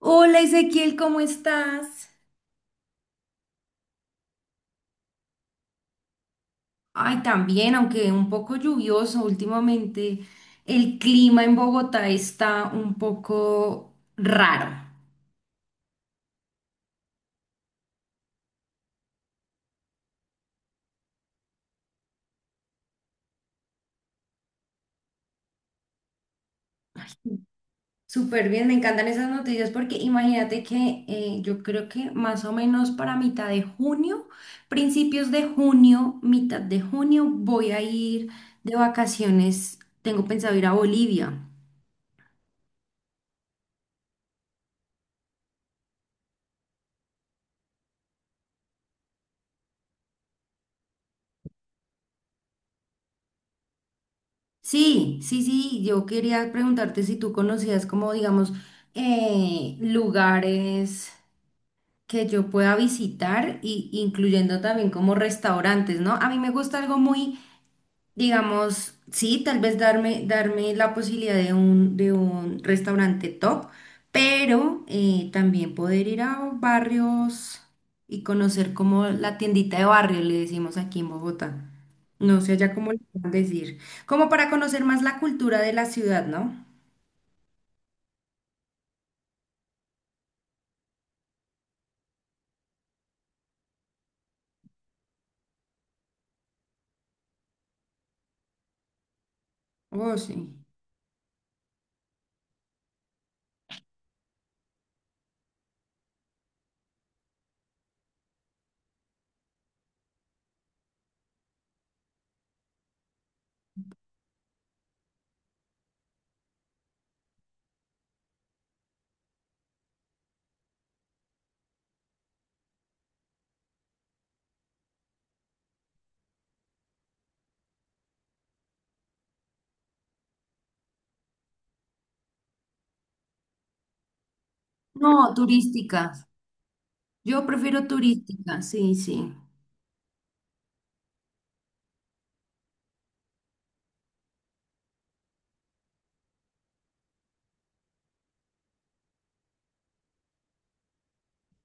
Hola Ezequiel, ¿cómo estás? Ay, también, aunque un poco lluvioso últimamente, el clima en Bogotá está un poco raro. Súper bien, me encantan esas noticias porque imagínate que yo creo que más o menos para mitad de junio, principios de junio, mitad de junio, voy a ir de vacaciones. Tengo pensado ir a Bolivia. Sí, sí, sí, yo quería preguntarte si tú conocías como, digamos, lugares que yo pueda visitar y incluyendo también como restaurantes, ¿no? A mí me gusta algo muy digamos, sí, tal vez darme la posibilidad de un restaurante top, pero también poder ir a barrios y conocer como la tiendita de barrio, le decimos aquí en Bogotá. No sé ya cómo le pueden decir. Como para conocer más la cultura de la ciudad, ¿no? Oh, sí. No, turística. Yo prefiero turística, sí, sí.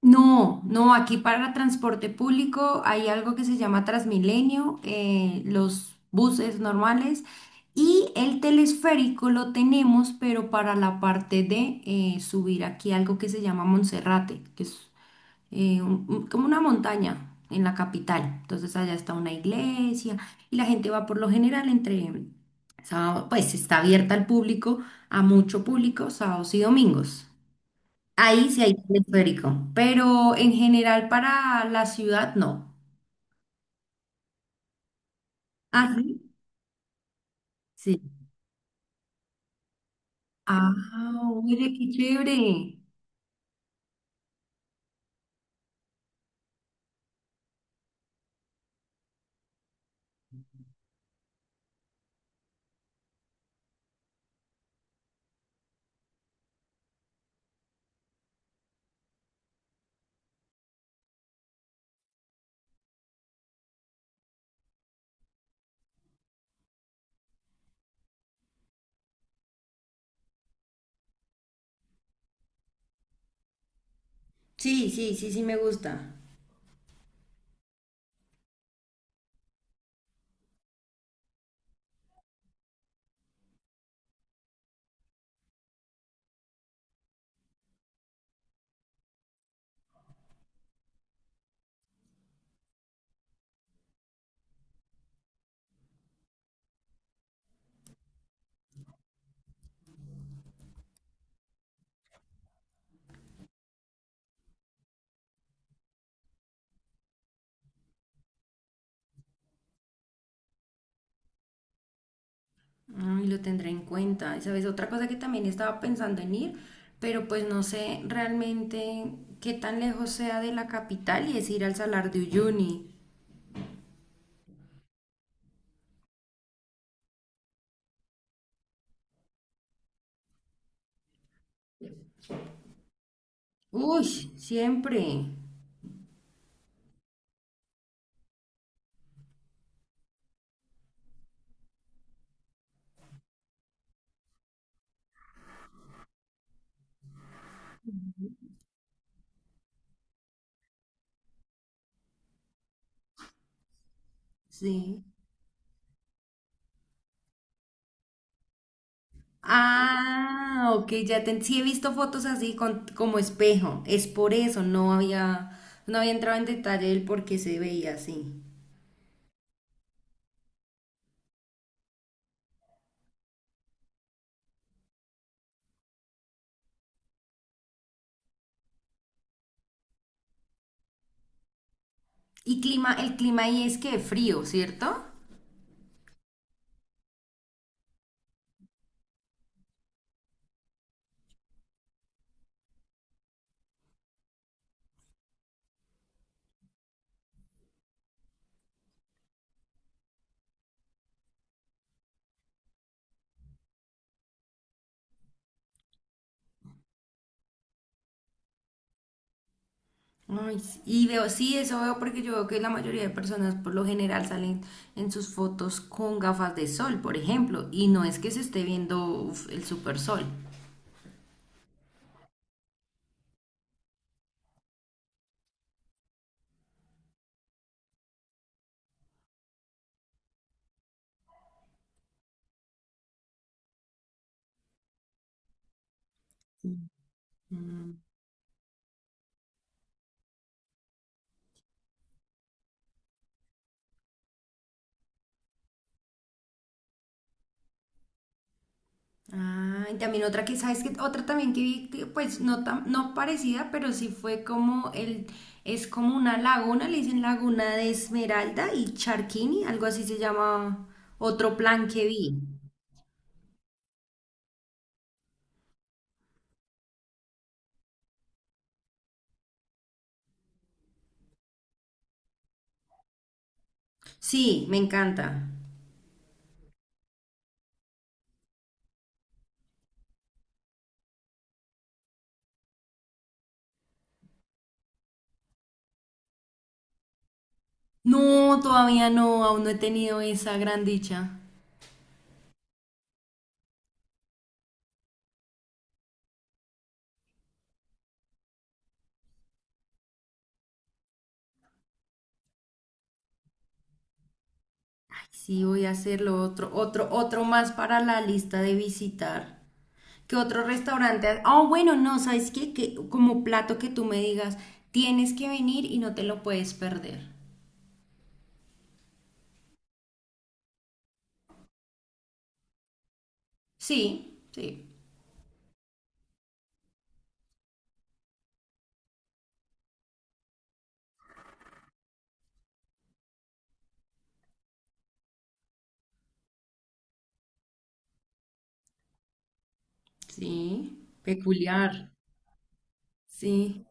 No, no, aquí para transporte público hay algo que se llama Transmilenio, los buses normales y el telesférico lo tenemos, pero para la parte de subir aquí algo que se llama Monserrate, que es como una montaña en la capital. Entonces allá está una iglesia y la gente va por lo general entre, sábado- pues está abierta al público, a mucho público, sábados y domingos. Ahí sí hay teleférico, pero en general para la ciudad no. Ah, sí. Sí. Ah, oye, qué chévere. Sí, sí, sí, sí me gusta. Ay, lo tendré en cuenta. Y, ¿sabes? Otra cosa que también estaba pensando en ir, pero pues no sé realmente qué tan lejos sea de la capital y es ir al Salar de Uyuni. Uy, siempre. Sí. Ah, ok, ya te, sí he visto fotos así con, como espejo. Es por eso, no había, no había entrado en detalle el por qué se veía así. Y clima, el clima ahí es que frío, ¿cierto? Ay, sí, y veo, sí, eso veo porque yo veo que la mayoría de personas por lo general salen en sus fotos con gafas de sol, por ejemplo, y no es que se esté viendo uf, el super sol. Ah, y también otra que, ¿sabes que otra también que vi, que, pues no, tan- no parecida, pero sí fue como el, es como una laguna, le dicen Laguna de Esmeralda y Charquini, algo así se llama otro plan que vi. Sí, me encanta. No, todavía no, aún no he tenido esa gran dicha. Sí, voy a hacerlo otro más para la lista de visitar. ¿Qué otro restaurante? Oh, bueno, no, ¿sabes qué? Que como plato que tú me digas, tienes que venir y no te lo puedes perder. Sí, sí, sí. Peculiar. Sí,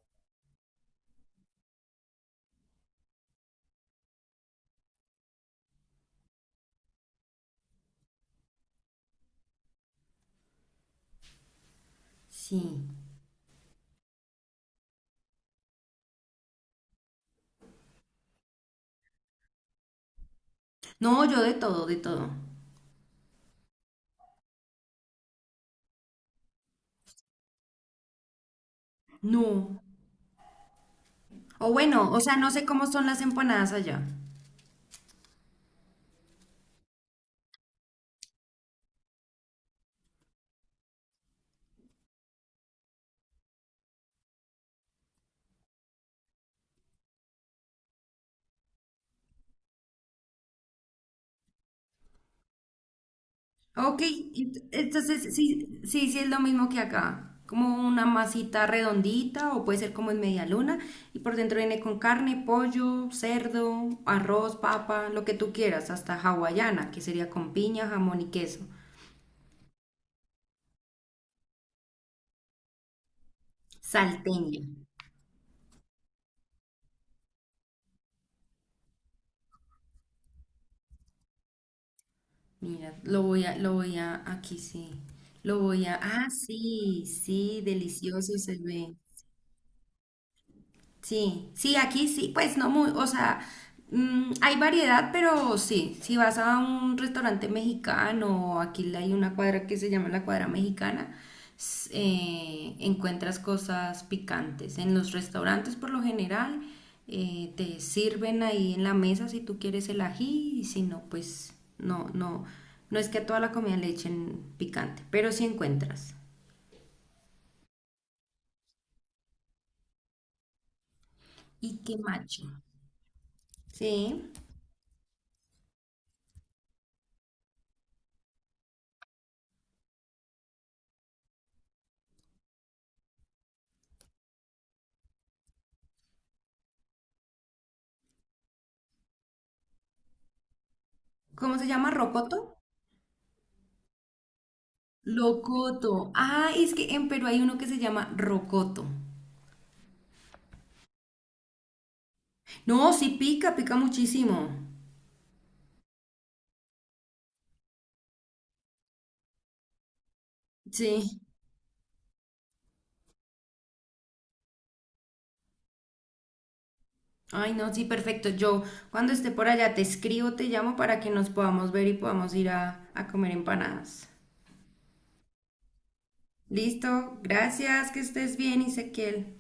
sí. No, yo de todo, de todo. No. O bueno, o sea, no sé cómo son las empanadas allá. Ok, entonces sí, sí, sí es lo mismo que acá, como una masita redondita o puede ser como en media luna y por dentro viene con carne, pollo, cerdo, arroz, papa, lo que tú quieras, hasta hawaiana, que sería con piña, jamón y queso. Salteña. Mira, lo voy a, aquí sí, lo voy a, ah, sí, sí, delicioso se ve. Sí, sí, aquí sí, pues no muy, o sea, hay variedad, pero sí, si vas a un restaurante mexicano, aquí hay una cuadra que se llama la cuadra mexicana, encuentras cosas picantes. En los restaurantes por lo general te sirven ahí en la mesa si tú quieres el ají y si no, pues no, no, no es que a toda la comida le echen picante, pero sí encuentras. Y qué macho. Sí. ¿Cómo se llama? ¿Rocoto? Locoto. Ah, es que en Perú hay uno que se llama rocoto. No, sí pica, pica muchísimo. Sí. Ay, no, sí, perfecto. Yo cuando esté por allá te escribo, te llamo para que nos podamos ver y podamos ir a comer empanadas. Listo, gracias, que estés bien, Ezequiel.